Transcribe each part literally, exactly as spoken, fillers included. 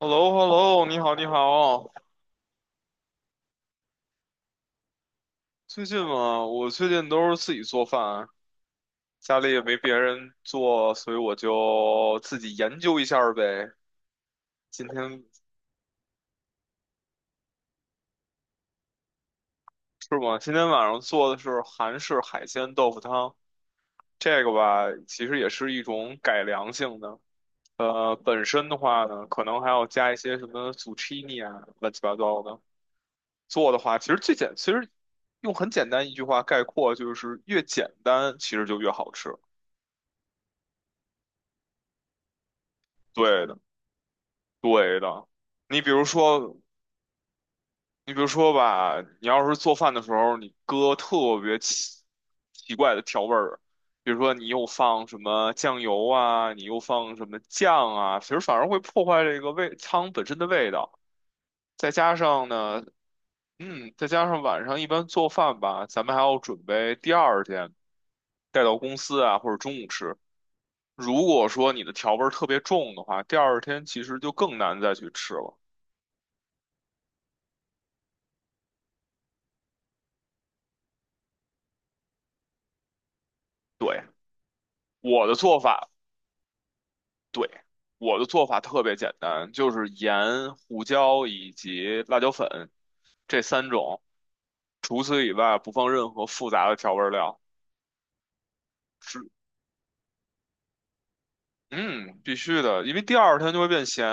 h e l l o h e l l o 你好，你好。最近嘛，我最近都是自己做饭，家里也没别人做，所以我就自己研究一下儿呗。今天是吗？今天晚上做的是韩式海鲜豆腐汤，这个吧，其实也是一种改良性的。呃，本身的话呢，可能还要加一些什么 zucchini 啊，乱七八糟的。做的话，其实最简，其实用很简单一句话概括，就是越简单，其实就越好吃。对的。对的，你比如说，你比如说吧，你要是做饭的时候，你搁特别奇奇怪的调味儿，比如说你又放什么酱油啊，你又放什么酱啊，其实反而会破坏这个味汤本身的味道。再加上呢，嗯，再加上晚上一般做饭吧，咱们还要准备第二天带到公司啊，或者中午吃。如果说你的调味儿特别重的话，第二天其实就更难再去吃了。对。我的做法对，我的做法特别简单，就是盐、胡椒以及辣椒粉这三种，除此以外不放任何复杂的调味料。是，嗯，必须的，因为第二天就会变咸。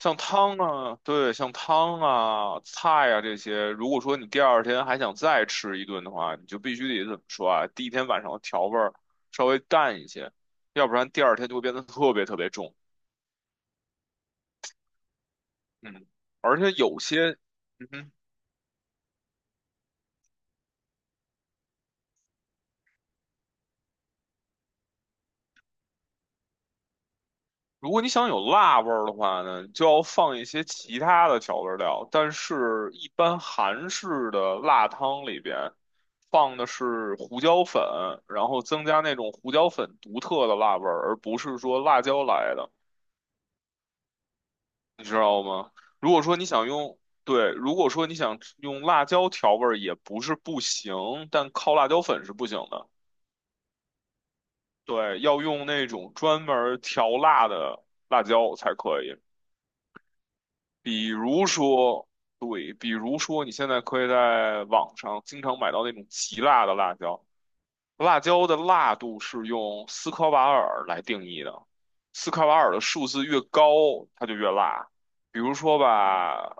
像汤啊，对，像汤啊、菜啊这些，如果说你第二天还想再吃一顿的话，你就必须得怎么说啊？第一天晚上的调味儿稍微淡一些，要不然第二天就会变得特别特别重。嗯，而且有些，嗯哼。如果你想有辣味儿的话呢，你就要放一些其他的调味料。但是，一般韩式的辣汤里边放的是胡椒粉，然后增加那种胡椒粉独特的辣味儿，而不是说辣椒来的，你知道吗？如果说你想用，对，如果说你想用辣椒调味儿也不是不行，但靠辣椒粉是不行的。对，要用那种专门儿调辣的辣椒才可以。比如说，对，比如说你现在可以在网上经常买到那种极辣的辣椒，辣椒的辣度是用斯科瓦尔来定义的，斯科瓦尔的数字越高，它就越辣。比如说吧，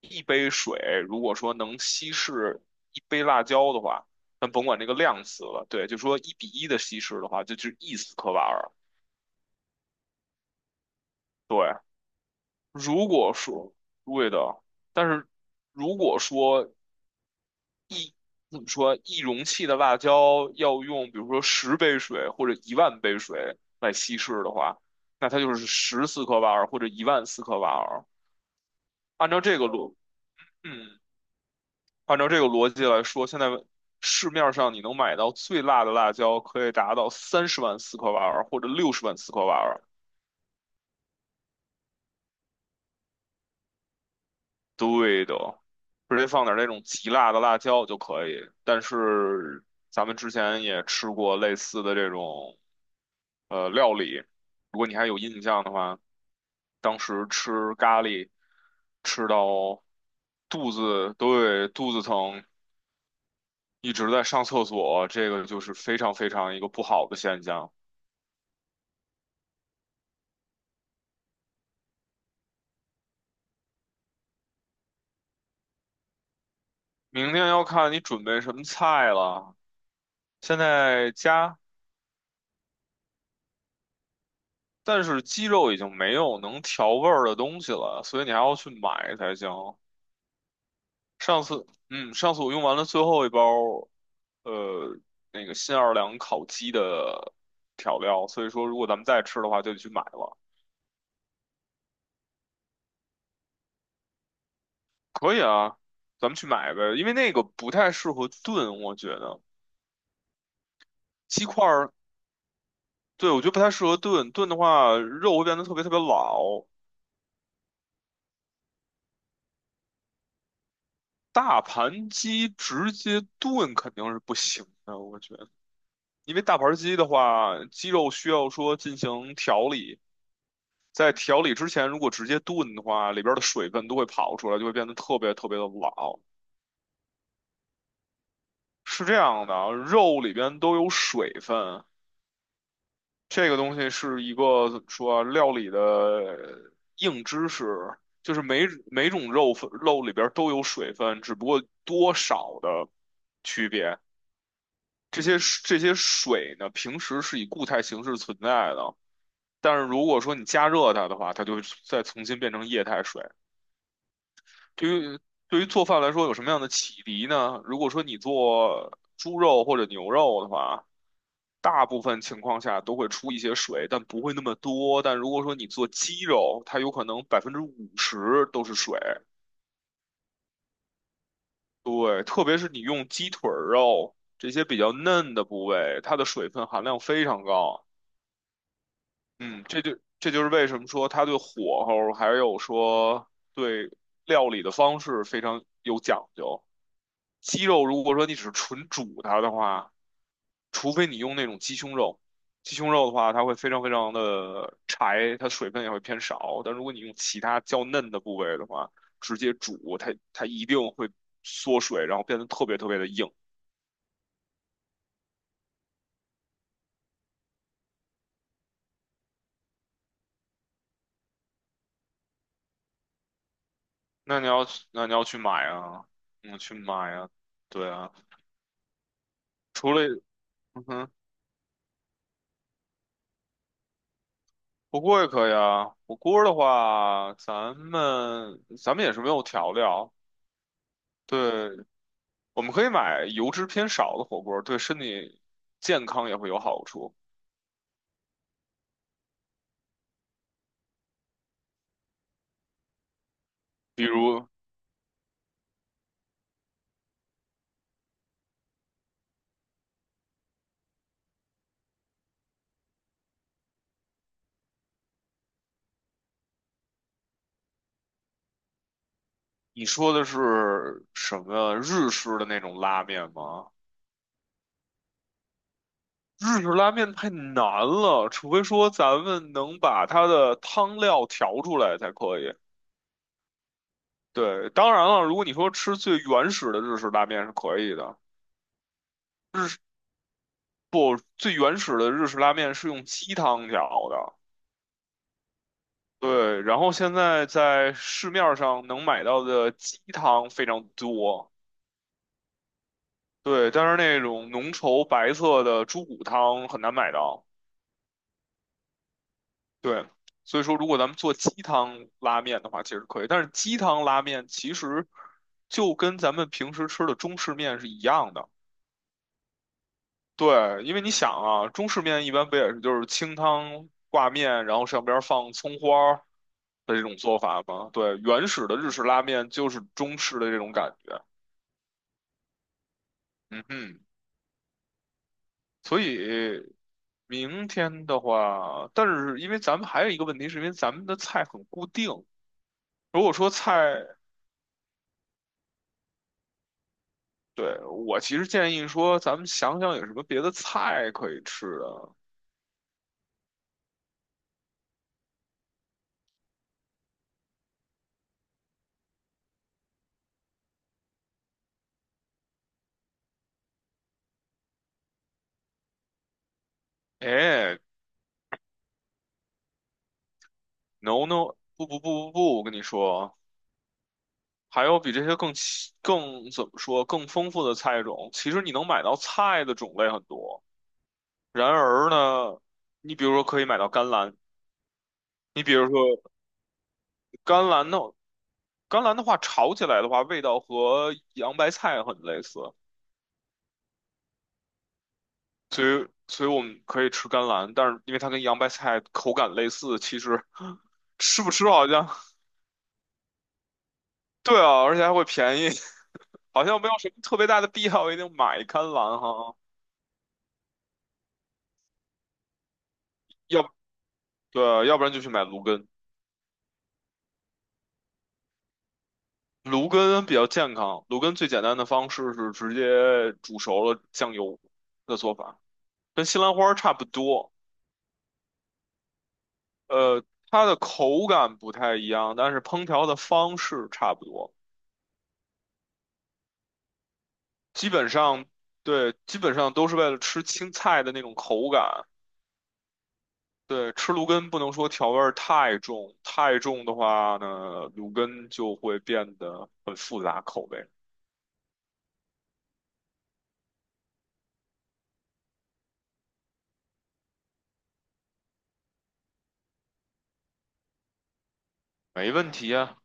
一杯水如果说能稀释一杯辣椒的话，咱甭管这个量词了，对，就说一比一的稀释的话，这就是一斯科瓦尔。对，如果说对的，但是如果说怎么说，一容器的辣椒要用，比如说十杯水或者一万杯水来稀释的话，那它就是十四克瓦尔或者一万四克瓦尔。按照这个逻，嗯，按照这个逻辑来说，现在市面上你能买到最辣的辣椒可以达到三十万四克瓦尔或者六十万四克瓦尔。对的，直接放点那种极辣的辣椒就可以。但是咱们之前也吃过类似的这种呃料理，如果你还有印象的话，当时吃咖喱吃到肚子，对，肚子疼，一直在上厕所，这个就是非常非常一个不好的现象。明天要看你准备什么菜了，现在加。但是鸡肉已经没有能调味儿的东西了，所以你还要去买才行。上次，嗯，上次我用完了最后一包，呃，那个新奥尔良烤鸡的调料，所以说如果咱们再吃的话，就得去买了。可以啊，咱们去买呗，因为那个不太适合炖，我觉得鸡块儿，对，我觉得不太适合炖，炖的话肉会变得特别特别老。大盘鸡直接炖肯定是不行的，我觉得。因为大盘鸡的话，鸡肉需要说进行调理，在调理之前，如果直接炖的话，里边的水分都会跑出来，就会变得特别特别的老。是这样的啊，肉里边都有水分，这个东西是一个怎么说啊，料理的硬知识，就是每每种肉分肉里边都有水分，只不过多少的区别。这些这些水呢，平时是以固态形式存在的。但是如果说你加热它的话，它就会再重新变成液态水。对于对于做饭来说，有什么样的启迪呢？如果说你做猪肉或者牛肉的话，大部分情况下都会出一些水，但不会那么多。但如果说你做鸡肉，它有可能百分之五十都是水。对，特别是你用鸡腿儿肉这些比较嫩的部位，它的水分含量非常高。嗯，这就这就是为什么说他对火候还有说对料理的方式非常有讲究。鸡肉如果说你只是纯煮它的话，除非你用那种鸡胸肉，鸡胸肉的话它会非常非常的柴，它水分也会偏少。但如果你用其他较嫩的部位的话，直接煮它它一定会缩水，然后变得特别特别的硬。那你要那你要去买啊，嗯，去买啊，对啊，除了。嗯哼。火锅也可以啊。火锅的话，咱们咱们也是没有调料，对，我们可以买油脂偏少的火锅，对身体健康也会有好处。比如你说的是什么日式的那种拉面吗？日式拉面太难了，除非说咱们能把它的汤料调出来才可以。对，当然了，如果你说吃最原始的日式拉面是可以的。不，最原始的日式拉面是用鸡汤调的。对，然后现在在市面上能买到的鸡汤非常多，对，但是那种浓稠白色的猪骨汤很难买到。对，所以说如果咱们做鸡汤拉面的话，其实可以，但是鸡汤拉面其实就跟咱们平时吃的中式面是一样的。对，因为你想啊，中式面一般不也是就是清汤挂面，然后上边儿放葱花儿的这种做法吗？对，原始的日式拉面就是中式的这种感觉。嗯哼，所以明天的话，但是因为咱们还有一个问题，是因为咱们的菜很固定。如果说菜，对，我其实建议说，咱们想想有什么别的菜可以吃的。哎，no no，不不不不不，我跟你说。还有比这些更齐更怎么说更丰富的菜种，其实你能买到菜的种类很多。然而呢，你比如说可以买到甘蓝，你比如说甘蓝的甘蓝的话，炒起来的话，味道和洋白菜很类似，所以所以我们可以吃甘蓝，但是因为它跟洋白菜口感类似，其实 吃不吃好像对啊，而且还会便宜，好像没有什么特别大的必要一定买甘蓝哈，要对啊，要不然就去买芦根。芦根比较健康，芦根最简单的方式是直接煮熟了酱油的做法，跟西兰花差不多。呃，它的口感不太一样，但是烹调的方式差不多。基本上，对，基本上都是为了吃青菜的那种口感。对，吃芦根不能说调味儿太重，太重的话呢，芦根就会变得很复杂口味。没问题啊，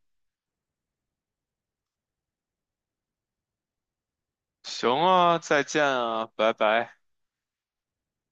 行啊，再见啊，拜拜。